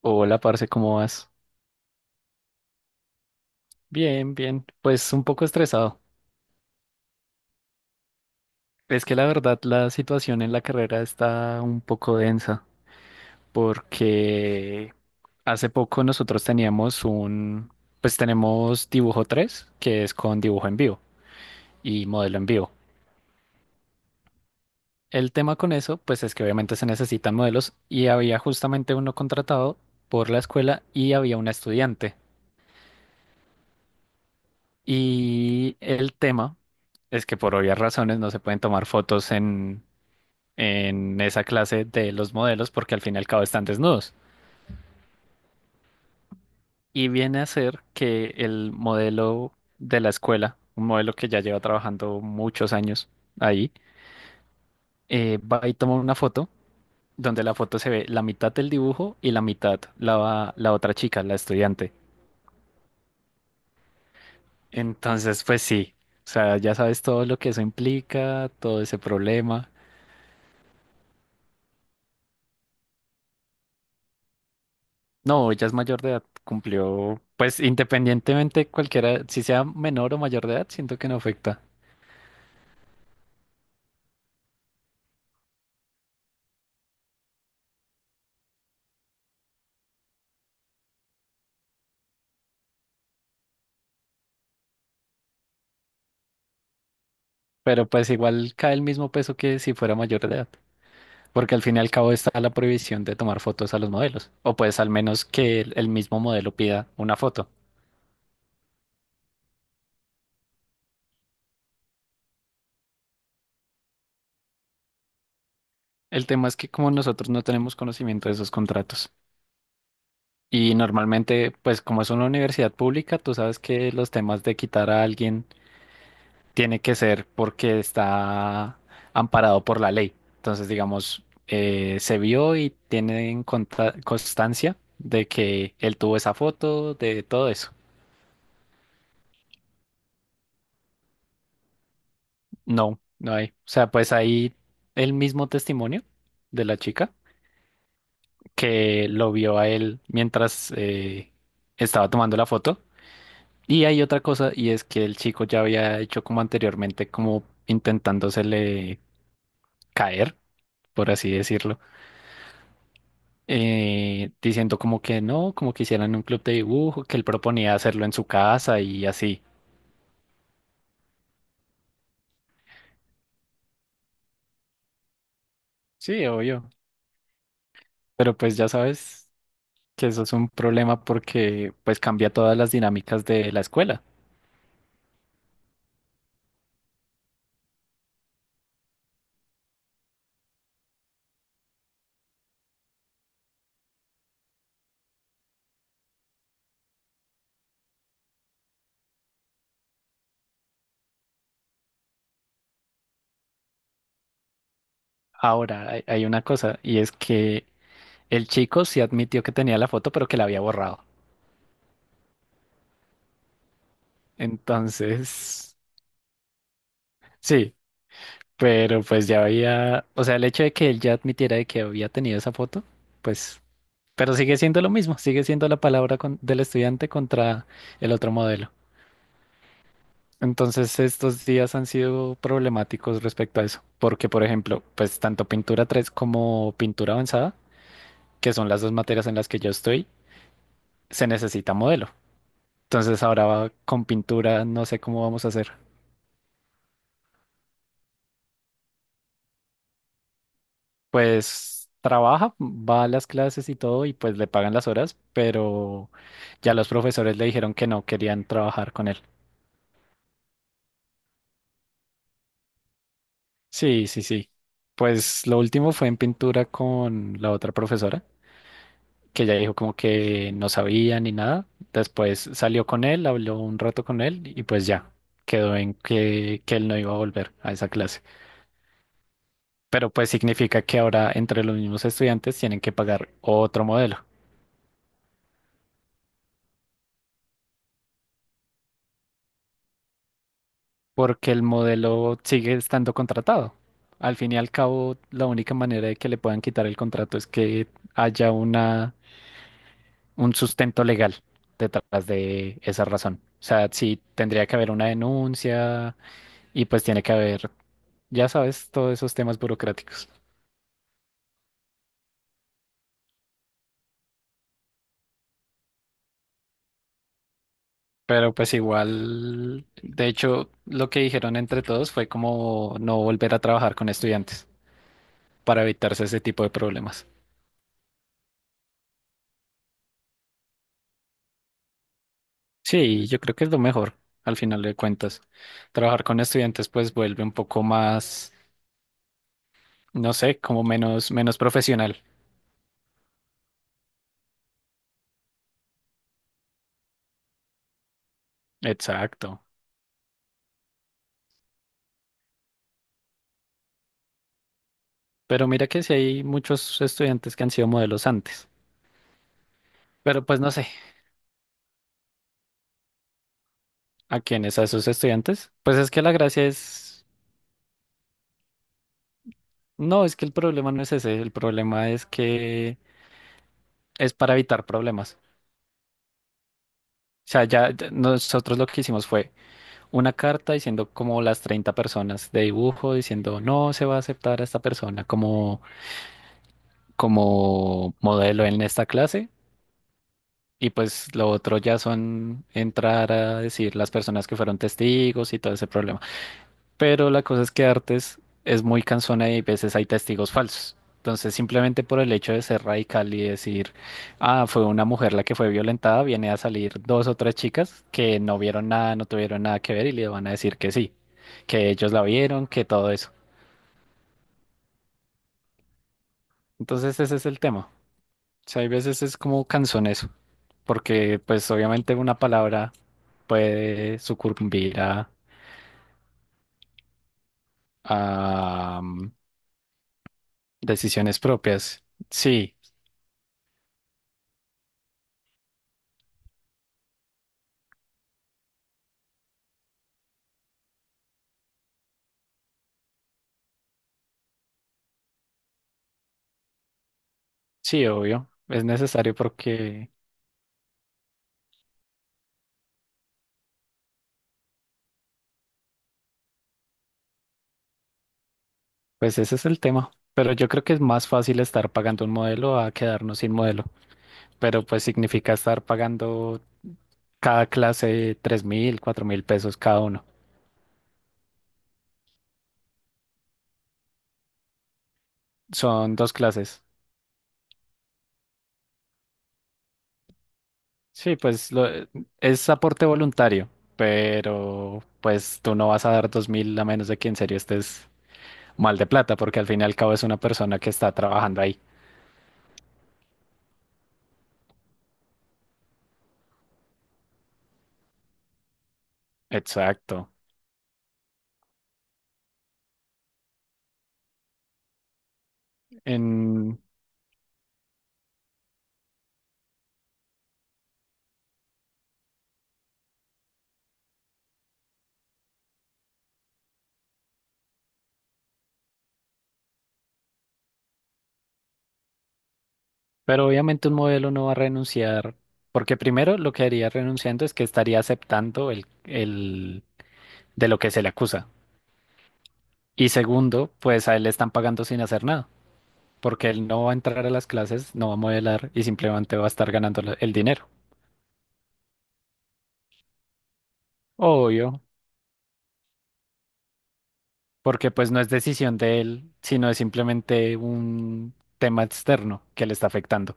Hola, parce, ¿cómo vas? Bien, bien. Pues un poco estresado. Es que la verdad la situación en la carrera está un poco densa porque hace poco nosotros pues tenemos dibujo 3 que es con dibujo en vivo y modelo en vivo. El tema con eso, pues es que obviamente se necesitan modelos y había justamente uno contratado por la escuela y había una estudiante. Y el tema es que por obvias razones no se pueden tomar fotos en esa clase de los modelos porque al fin y al cabo están desnudos. Y viene a ser que el modelo de la escuela, un modelo que ya lleva trabajando muchos años ahí, va y toma una foto donde la foto se ve la mitad del dibujo y la mitad la otra chica, la estudiante. Entonces, pues sí, o sea, ya sabes todo lo que eso implica, todo ese problema. No, ella es mayor de edad, cumplió, pues independientemente cualquiera, si sea menor o mayor de edad, siento que no afecta. Pero pues igual cae el mismo peso que si fuera mayor de edad, porque al fin y al cabo está la prohibición de tomar fotos a los modelos, o pues al menos que el mismo modelo pida una foto. El tema es que como nosotros no tenemos conocimiento de esos contratos y normalmente pues como es una universidad pública, tú sabes que los temas de quitar a alguien tiene que ser porque está amparado por la ley. Entonces digamos, se vio y tienen constancia de que él tuvo esa foto, de todo eso. No, no hay. O sea, pues hay el mismo testimonio de la chica que lo vio a él mientras estaba tomando la foto. Y hay otra cosa, y es que el chico ya había hecho como anteriormente, como intentándosele caer, por así decirlo, diciendo como que no, como que hicieran un club de dibujo, que él proponía hacerlo en su casa y así. Sí, obvio. Pero pues ya sabes que eso es un problema porque pues cambia todas las dinámicas de la escuela. Ahora, hay una cosa, y es que el chico sí admitió que tenía la foto, pero que la había borrado. Entonces, sí, pero pues ya había, o sea, el hecho de que él ya admitiera de que había tenido esa foto, pues, pero sigue siendo lo mismo, sigue siendo la palabra del estudiante contra el otro modelo. Entonces, estos días han sido problemáticos respecto a eso, porque, por ejemplo, pues tanto pintura 3 como pintura avanzada, que son las dos materias en las que yo estoy, se necesita modelo. Entonces ahora va con pintura, no sé cómo vamos a hacer. Pues trabaja, va a las clases y todo y pues le pagan las horas, pero ya los profesores le dijeron que no querían trabajar con él. Sí, sí, sí. Pues lo último fue en pintura con la otra profesora, que ella dijo como que no sabía ni nada. Después salió con él, habló un rato con él y pues ya quedó en que él no iba a volver a esa clase. Pero pues significa que ahora entre los mismos estudiantes tienen que pagar otro modelo, porque el modelo sigue estando contratado. Al fin y al cabo, la única manera de que le puedan quitar el contrato es que haya un sustento legal detrás de esa razón. O sea, sí tendría que haber una denuncia y pues tiene que haber, ya sabes, todos esos temas burocráticos. Pero pues igual, de hecho, lo que dijeron entre todos fue como no volver a trabajar con estudiantes para evitarse ese tipo de problemas. Sí, yo creo que es lo mejor al final de cuentas. Trabajar con estudiantes pues vuelve un poco más, no sé, como menos profesional. Exacto. Pero mira que sí hay muchos estudiantes que han sido modelos antes. Pero pues no sé, ¿a quiénes? ¿A esos estudiantes? Pues es que la gracia es, no, es que el problema no es ese, el problema es que es para evitar problemas. O sea, ya nosotros lo que hicimos fue una carta diciendo como las 30 personas de dibujo, diciendo no se va a aceptar a esta persona como modelo en esta clase. Y pues lo otro ya son entrar a decir las personas que fueron testigos y todo ese problema. Pero la cosa es que Artes es muy cansona y a veces hay testigos falsos. Entonces, simplemente por el hecho de ser radical y decir, ah, fue una mujer la que fue violentada, viene a salir dos o tres chicas que no vieron nada, no tuvieron nada que ver y le van a decir que sí, que ellos la vieron, que todo eso. Entonces, ese es el tema. Sea, hay veces es como canzoneso, porque pues obviamente una palabra puede sucumbir a, a, mm, decisiones propias. Sí, sí, obvio, es necesario porque pues ese es el tema. Pero yo creo que es más fácil estar pagando un modelo a quedarnos sin modelo. Pero pues significa estar pagando cada clase 3.000, 4.000 pesos cada uno. Son dos clases. Sí, pues es aporte voluntario, pero pues tú no vas a dar 2.000 a menos de que en serio estés mal de plata, porque al fin y al cabo es una persona que está trabajando ahí. Exacto. En- Pero obviamente un modelo no va a renunciar, porque primero lo que haría renunciando es que estaría aceptando el de lo que se le acusa. Y segundo, pues a él le están pagando sin hacer nada, porque él no va a entrar a las clases, no va a modelar y simplemente va a estar ganando el dinero. Obvio, porque pues no es decisión de él, sino es simplemente un tema externo que le está afectando.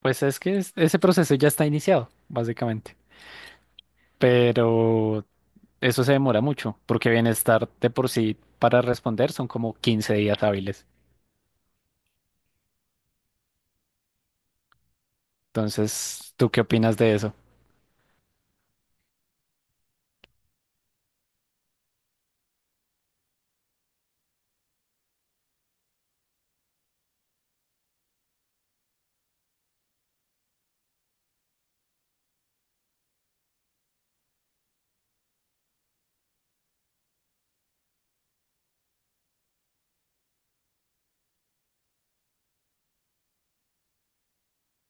Pues es que ese proceso ya está iniciado, básicamente. Pero eso se demora mucho, porque bienestar de por sí para responder son como 15 días hábiles. Entonces, ¿tú qué opinas de eso?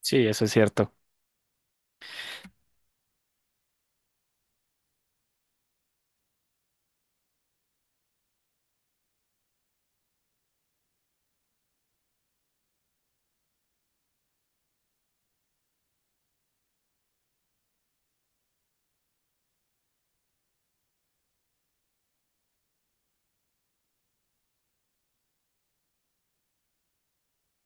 Sí, eso es cierto.